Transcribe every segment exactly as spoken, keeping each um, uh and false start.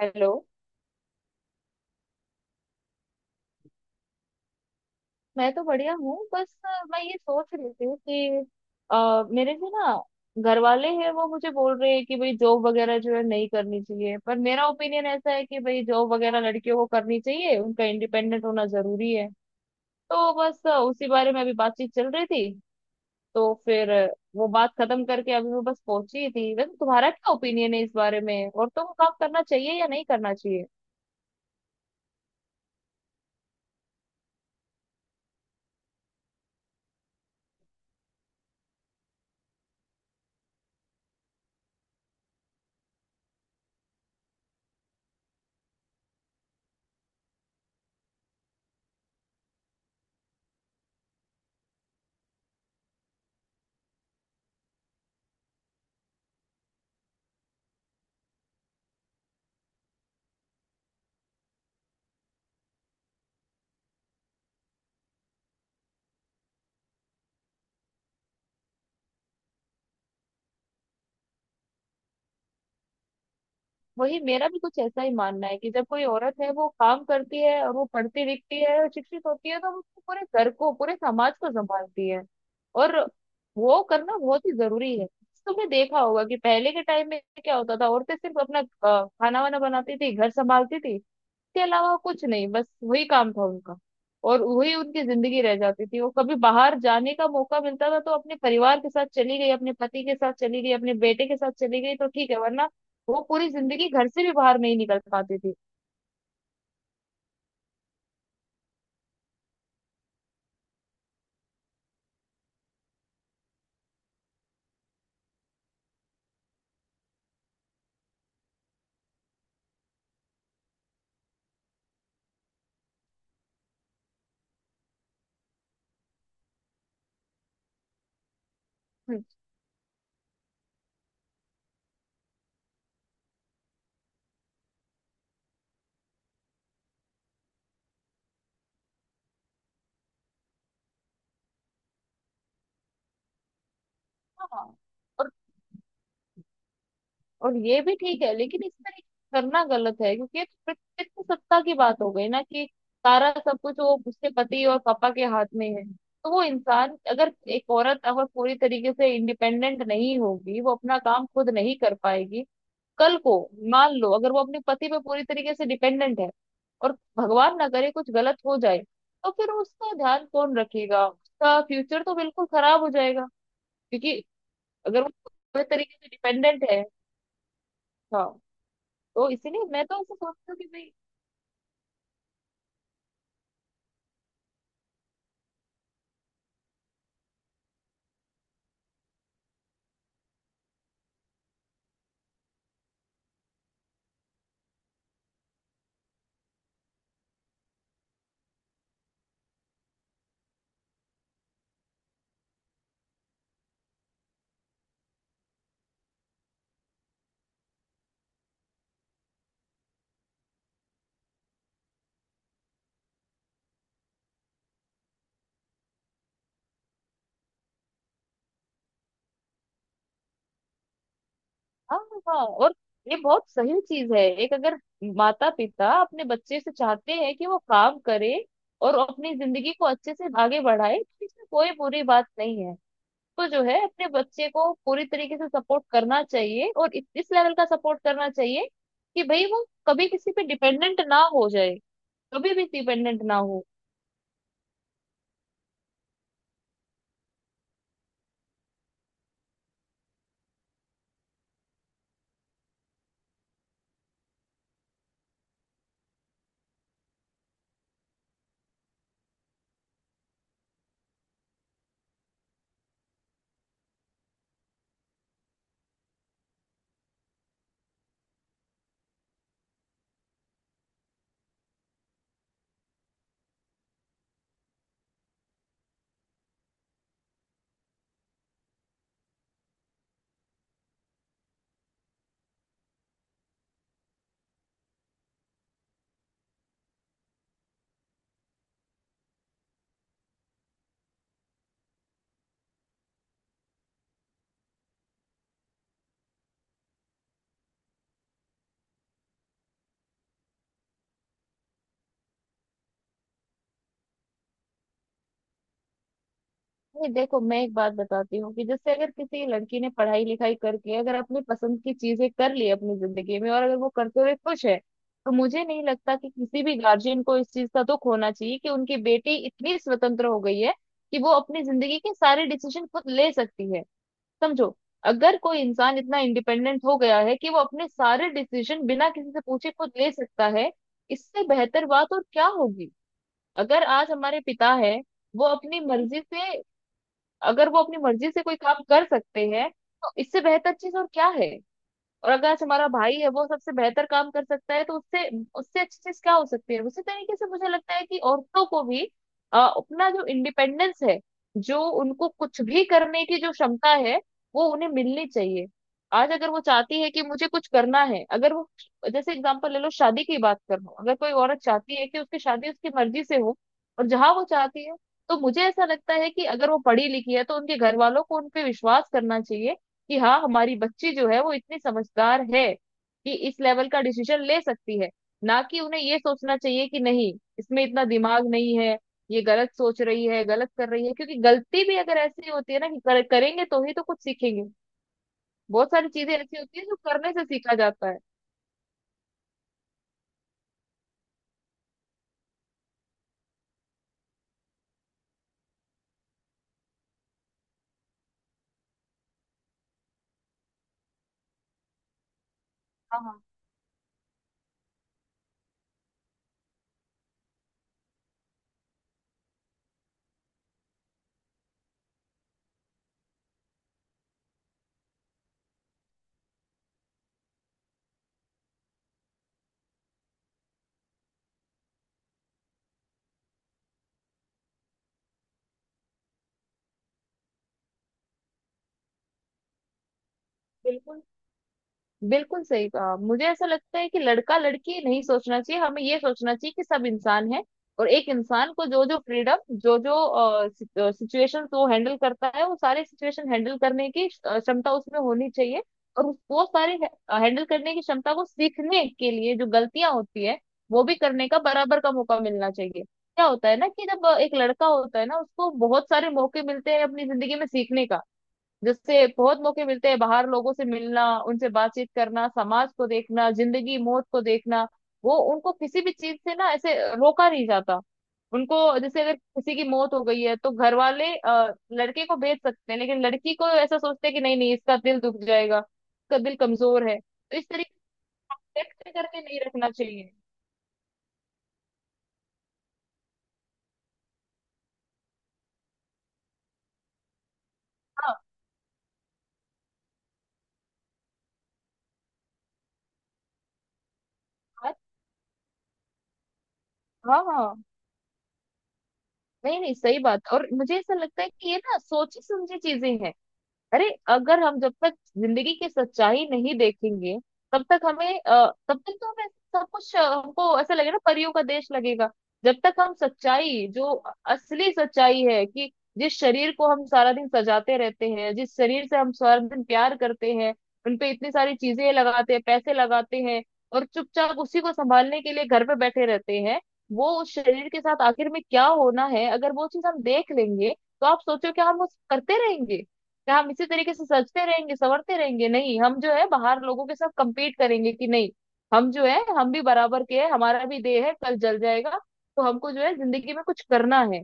Hello. मैं तो बढ़िया हूँ। बस अ, मैं ये सोच रही थी कि अ, मेरे जो ना घर वाले हैं वो मुझे बोल रहे हैं कि भाई जॉब वगैरह जो है नहीं करनी चाहिए, पर मेरा ओपिनियन ऐसा है कि भाई जॉब वगैरह लड़कियों को करनी चाहिए, उनका इंडिपेंडेंट होना जरूरी है। तो बस अ, उसी बारे में अभी बातचीत चल रही थी। तो फिर अ, वो बात खत्म करके अभी मैं बस पहुंची ही थी। वैसे तुम्हारा क्या ओपिनियन है इस बारे में, औरतों को काम करना चाहिए या नहीं करना? वही मेरा भी कुछ ऐसा ही मानना है कि जब कोई औरत है वो काम करती है और वो पढ़ती लिखती है और शिक्षित होती है, तो वो पूरे घर को पूरे समाज को संभालती है। और वो करना बहुत ही जरूरी है। तुमने देखा होगा कि पहले के टाइम में क्या होता था, औरतें सिर्फ अपना अ, खाना वाना बनाती थी, घर संभालती थी। इसके अलावा कुछ नहीं, बस वही काम था उनका। और वही उनकी जिंदगी रह जाती थी। वो कभी बाहर जाने का मौका मिलता था तो अपने परिवार के साथ चली गई, अपने पति के साथ चली गई, अपने बेटे के साथ चली गई, तो ठीक है, वरना वो पूरी जिंदगी घर से भी बाहर नहीं निकल पाती थी। हम्म। हाँ। और और ये भी ठीक है, लेकिन इसमें करना गलत है क्योंकि ये तो पितृ सत्ता की बात हो गई ना कि सारा सब कुछ वो उसके पति और पापा के हाथ में है। तो वो इंसान, अगर एक औरत अगर पूरी तरीके से इंडिपेंडेंट नहीं होगी, वो अपना काम खुद नहीं कर पाएगी। कल को मान लो अगर वो अपने पति पे पूरी तरीके से डिपेंडेंट है और भगवान ना करे कुछ गलत हो जाए, तो फिर उसका ध्यान कौन रखेगा, उसका फ्यूचर तो बिल्कुल खराब हो जाएगा, क्योंकि अगर वो पूरे तरीके से डिपेंडेंट है। हाँ। तो इसीलिए मैं तो ऐसे सोचती हूँ कि भाई, हाँ, हाँ, हाँ, और ये बहुत सही चीज है। एक अगर माता पिता अपने बच्चे से चाहते हैं कि वो काम करे और अपनी जिंदगी को अच्छे से आगे बढ़ाए, तो इसमें कोई बुरी बात नहीं है। तो जो है अपने बच्चे को पूरी तरीके से सपोर्ट करना चाहिए, और इस, इस लेवल का सपोर्ट करना चाहिए कि भाई वो कभी किसी पे डिपेंडेंट ना हो जाए, कभी भी डिपेंडेंट ना हो। नहीं, देखो मैं एक बात बताती हूँ कि जैसे अगर किसी लड़की ने पढ़ाई लिखाई करके अगर अपनी पसंद की चीजें कर ली अपनी जिंदगी में, और अगर वो करते हुए खुश है, तो मुझे नहीं लगता कि किसी भी गार्जियन को इस चीज का दुख होना चाहिए कि उनकी बेटी इतनी स्वतंत्र हो गई है कि वो अपनी जिंदगी के सारे डिसीजन खुद ले सकती है। समझो, अगर कोई इंसान इतना इंडिपेंडेंट हो गया है कि वो अपने सारे डिसीजन बिना किसी से पूछे खुद ले सकता है, इससे बेहतर बात और क्या होगी। अगर आज हमारे पिता है वो अपनी मर्जी से, अगर वो अपनी मर्जी से कोई काम कर सकते हैं, तो इससे बेहतर चीज और क्या है। और अगर आज हमारा भाई है वो सबसे बेहतर काम कर सकता है, तो उससे उससे अच्छी चीज क्या हो सकती है। उसी तरीके से मुझे लगता है कि औरतों को भी अ, अपना जो इंडिपेंडेंस है, जो उनको कुछ भी करने की जो क्षमता है, वो उन्हें मिलनी चाहिए। आज अगर वो चाहती है कि मुझे कुछ करना है, अगर वो, जैसे एग्जांपल ले लो शादी की बात कर रहा हूं, अगर कोई औरत चाहती है कि उसकी शादी उसकी मर्जी से हो और जहां वो चाहती है, तो मुझे ऐसा लगता है कि अगर वो पढ़ी लिखी है तो उनके घर वालों को उन पे विश्वास करना चाहिए कि हाँ हमारी बच्ची जो है वो इतनी समझदार है कि इस लेवल का डिसीजन ले सकती है। ना कि उन्हें ये सोचना चाहिए कि नहीं, इसमें इतना दिमाग नहीं है, ये गलत सोच रही है, गलत कर रही है। क्योंकि गलती भी अगर ऐसी होती है ना कि कर, करेंगे तो ही तो कुछ सीखेंगे। बहुत सारी चीजें ऐसी होती है जो करने से सीखा जाता है। हाँ, हाँ। बिल्कुल। बिल्कुल सही कहा। मुझे ऐसा लगता है कि लड़का लड़की नहीं सोचना चाहिए, हमें ये सोचना चाहिए कि सब इंसान है। और एक इंसान को जो जो फ्रीडम, जो जो सिचुएशन वो हैंडल करता है, वो सारे सिचुएशन हैंडल करने की अ, क्षमता उसमें होनी चाहिए। और उस- वो सारे हैंडल करने की क्षमता को सीखने के लिए जो गलतियां होती है वो भी करने का बराबर का मौका मिलना चाहिए। क्या होता है ना कि जब अ, एक लड़का होता है ना उसको बहुत सारे मौके मिलते हैं अपनी जिंदगी में सीखने का, जिससे बहुत मौके मिलते हैं बाहर लोगों से मिलना, उनसे बातचीत करना, समाज को देखना, जिंदगी मौत को देखना। वो उनको किसी भी चीज से ना ऐसे रोका नहीं जाता उनको। जैसे अगर किसी की मौत हो गई है तो घर वाले अ, लड़के को भेज सकते हैं, लेकिन लड़की को ऐसा सोचते हैं कि नहीं नहीं, इसका दिल दुख जाएगा, इसका दिल कमजोर है। तो इस तरीके से सेलेक्ट करके नहीं रखना चाहिए। हाँ। आज- हाँ, हाँ। नहीं नहीं, सही बात। और मुझे ऐसा लगता है कि ये ना सोची समझी चीजें हैं। अरे अगर हम जब तक जिंदगी की सच्चाई नहीं देखेंगे, तब तक हमें अ, तब तक तो हमें सब कुछ अ, हमको ऐसा लगेगा ना, परियों का देश लगेगा। जब तक हम सच्चाई, जो असली सच्चाई है कि जिस शरीर को हम सारा दिन सजाते रहते हैं, जिस शरीर से हम सारा दिन प्यार करते हैं, उनपे इतनी सारी चीजें लगाते हैं, पैसे लगाते हैं, और चुपचाप उसी को संभालने के लिए घर पे बैठे रहते हैं, वो उस शरीर के साथ आखिर में क्या होना है, अगर वो चीज हम देख लेंगे, तो आप सोचो क्या हम उस करते रहेंगे? क्या हम इसी तरीके से सजते रहेंगे, संवरते रहेंगे? नहीं, हम जो है बाहर लोगों के साथ compete करेंगे कि नहीं हम जो है, हम भी बराबर के हैं, हमारा भी देह है, कल जल जाएगा। तो हमको जो है जिंदगी में कुछ करना है,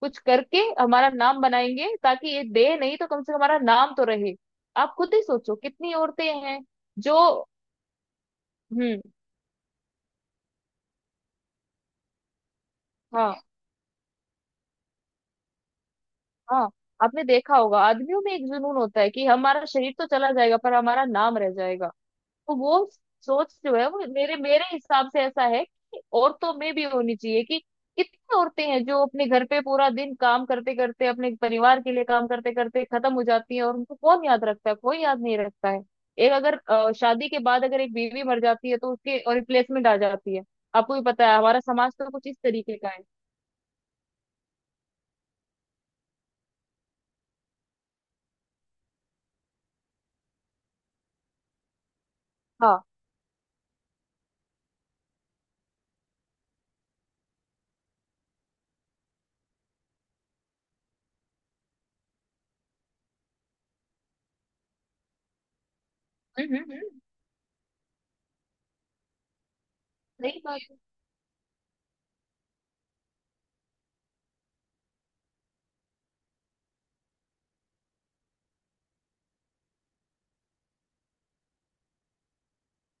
कुछ करके हमारा नाम बनाएंगे, ताकि ये देह नहीं तो कम से कम हमारा नाम तो रहे। आप खुद ही सोचो कितनी औरतें हैं जो, हम्म, हाँ, हाँ, आपने देखा होगा आदमियों में एक जुनून होता है कि हमारा शरीर तो चला जाएगा पर हमारा नाम रह जाएगा। तो वो सोच जो है वो मेरे मेरे हिसाब से ऐसा है कि औरतों में भी होनी चाहिए कि कितनी औरतें हैं जो अपने घर पे पूरा दिन काम करते करते, अपने परिवार के लिए काम करते करते खत्म हो जाती हैं, और उनको कौन याद रखता है, कोई याद नहीं रखता है। एक अगर अ, शादी के बाद अगर एक बीवी मर जाती है तो उसके रिप्लेसमेंट आ जाती है। आपको भी पता है हमारा समाज तो कुछ इस तरीके का है। हाँ। हम्म। हम्म। हम्म। सही।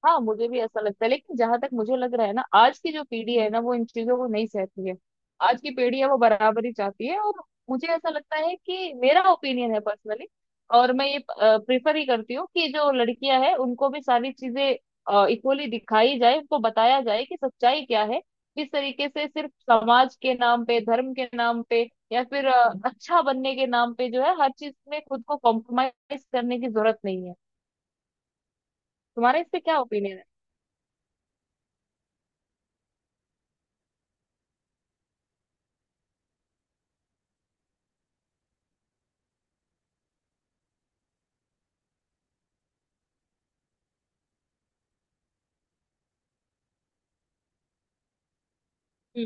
हाँ, मुझे भी ऐसा लगता है, लेकिन जहां तक मुझे लग रहा है ना, आज की जो पीढ़ी है ना वो इन चीजों को नहीं सहती है। आज की पीढ़ी है, वो बराबरी चाहती है। और मुझे ऐसा लगता है कि मेरा ओपिनियन है पर्सनली, और मैं ये प्रेफर ही करती हूँ कि जो लड़कियां हैं उनको भी सारी चीजें इक्वली दिखाई जाए, उनको बताया जाए कि सच्चाई क्या है, किस तरीके से सिर्फ समाज के नाम पे, धर्म के नाम पे, या फिर अ, अच्छा बनने के नाम पे जो है हर चीज में खुद को कॉम्प्रोमाइज करने की जरूरत नहीं है। तुम्हारा इस पे क्या ओपिनियन है?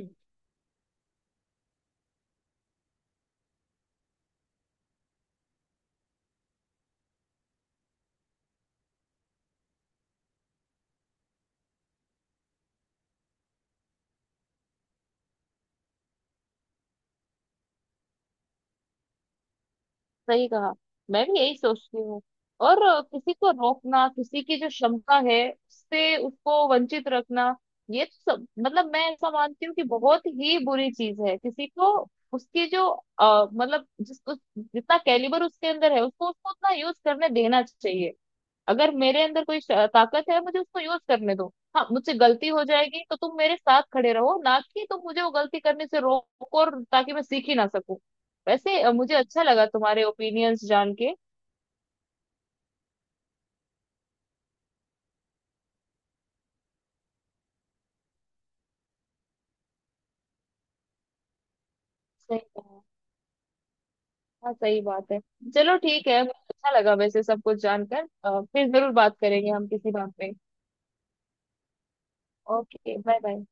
सही कहा। मैं भी यही सोचती हूँ। और अ, किसी को रोकना, किसी की जो क्षमता है उससे उसको वंचित रखना, ये तो सब मतलब मैं ऐसा मानती हूँ कि बहुत ही बुरी चीज है। किसी को उसकी जो अ, मतलब जिस उस, जितना कैलिबर उसके अंदर है, उसको उसको उतना यूज करने देना चाहिए। अगर मेरे अंदर कोई श- ताकत है मुझे उसको यूज करने दो। हाँ मुझसे गलती हो जाएगी तो तुम मेरे साथ खड़े रहो, ना कि तुम मुझे वो गलती करने से रोको और ताकि मैं सीख ही ना सकूं। वैसे अ, मुझे अच्छा लगा तुम्हारे ओपिनियंस जान के। सही कहा। हाँ, सही बात है। चलो ठीक है, मुझे अच्छा लगा वैसे सब कुछ जानकर। अ, फिर जरूर बात करेंगे हम किसी बात पे। ओके। Bye bye.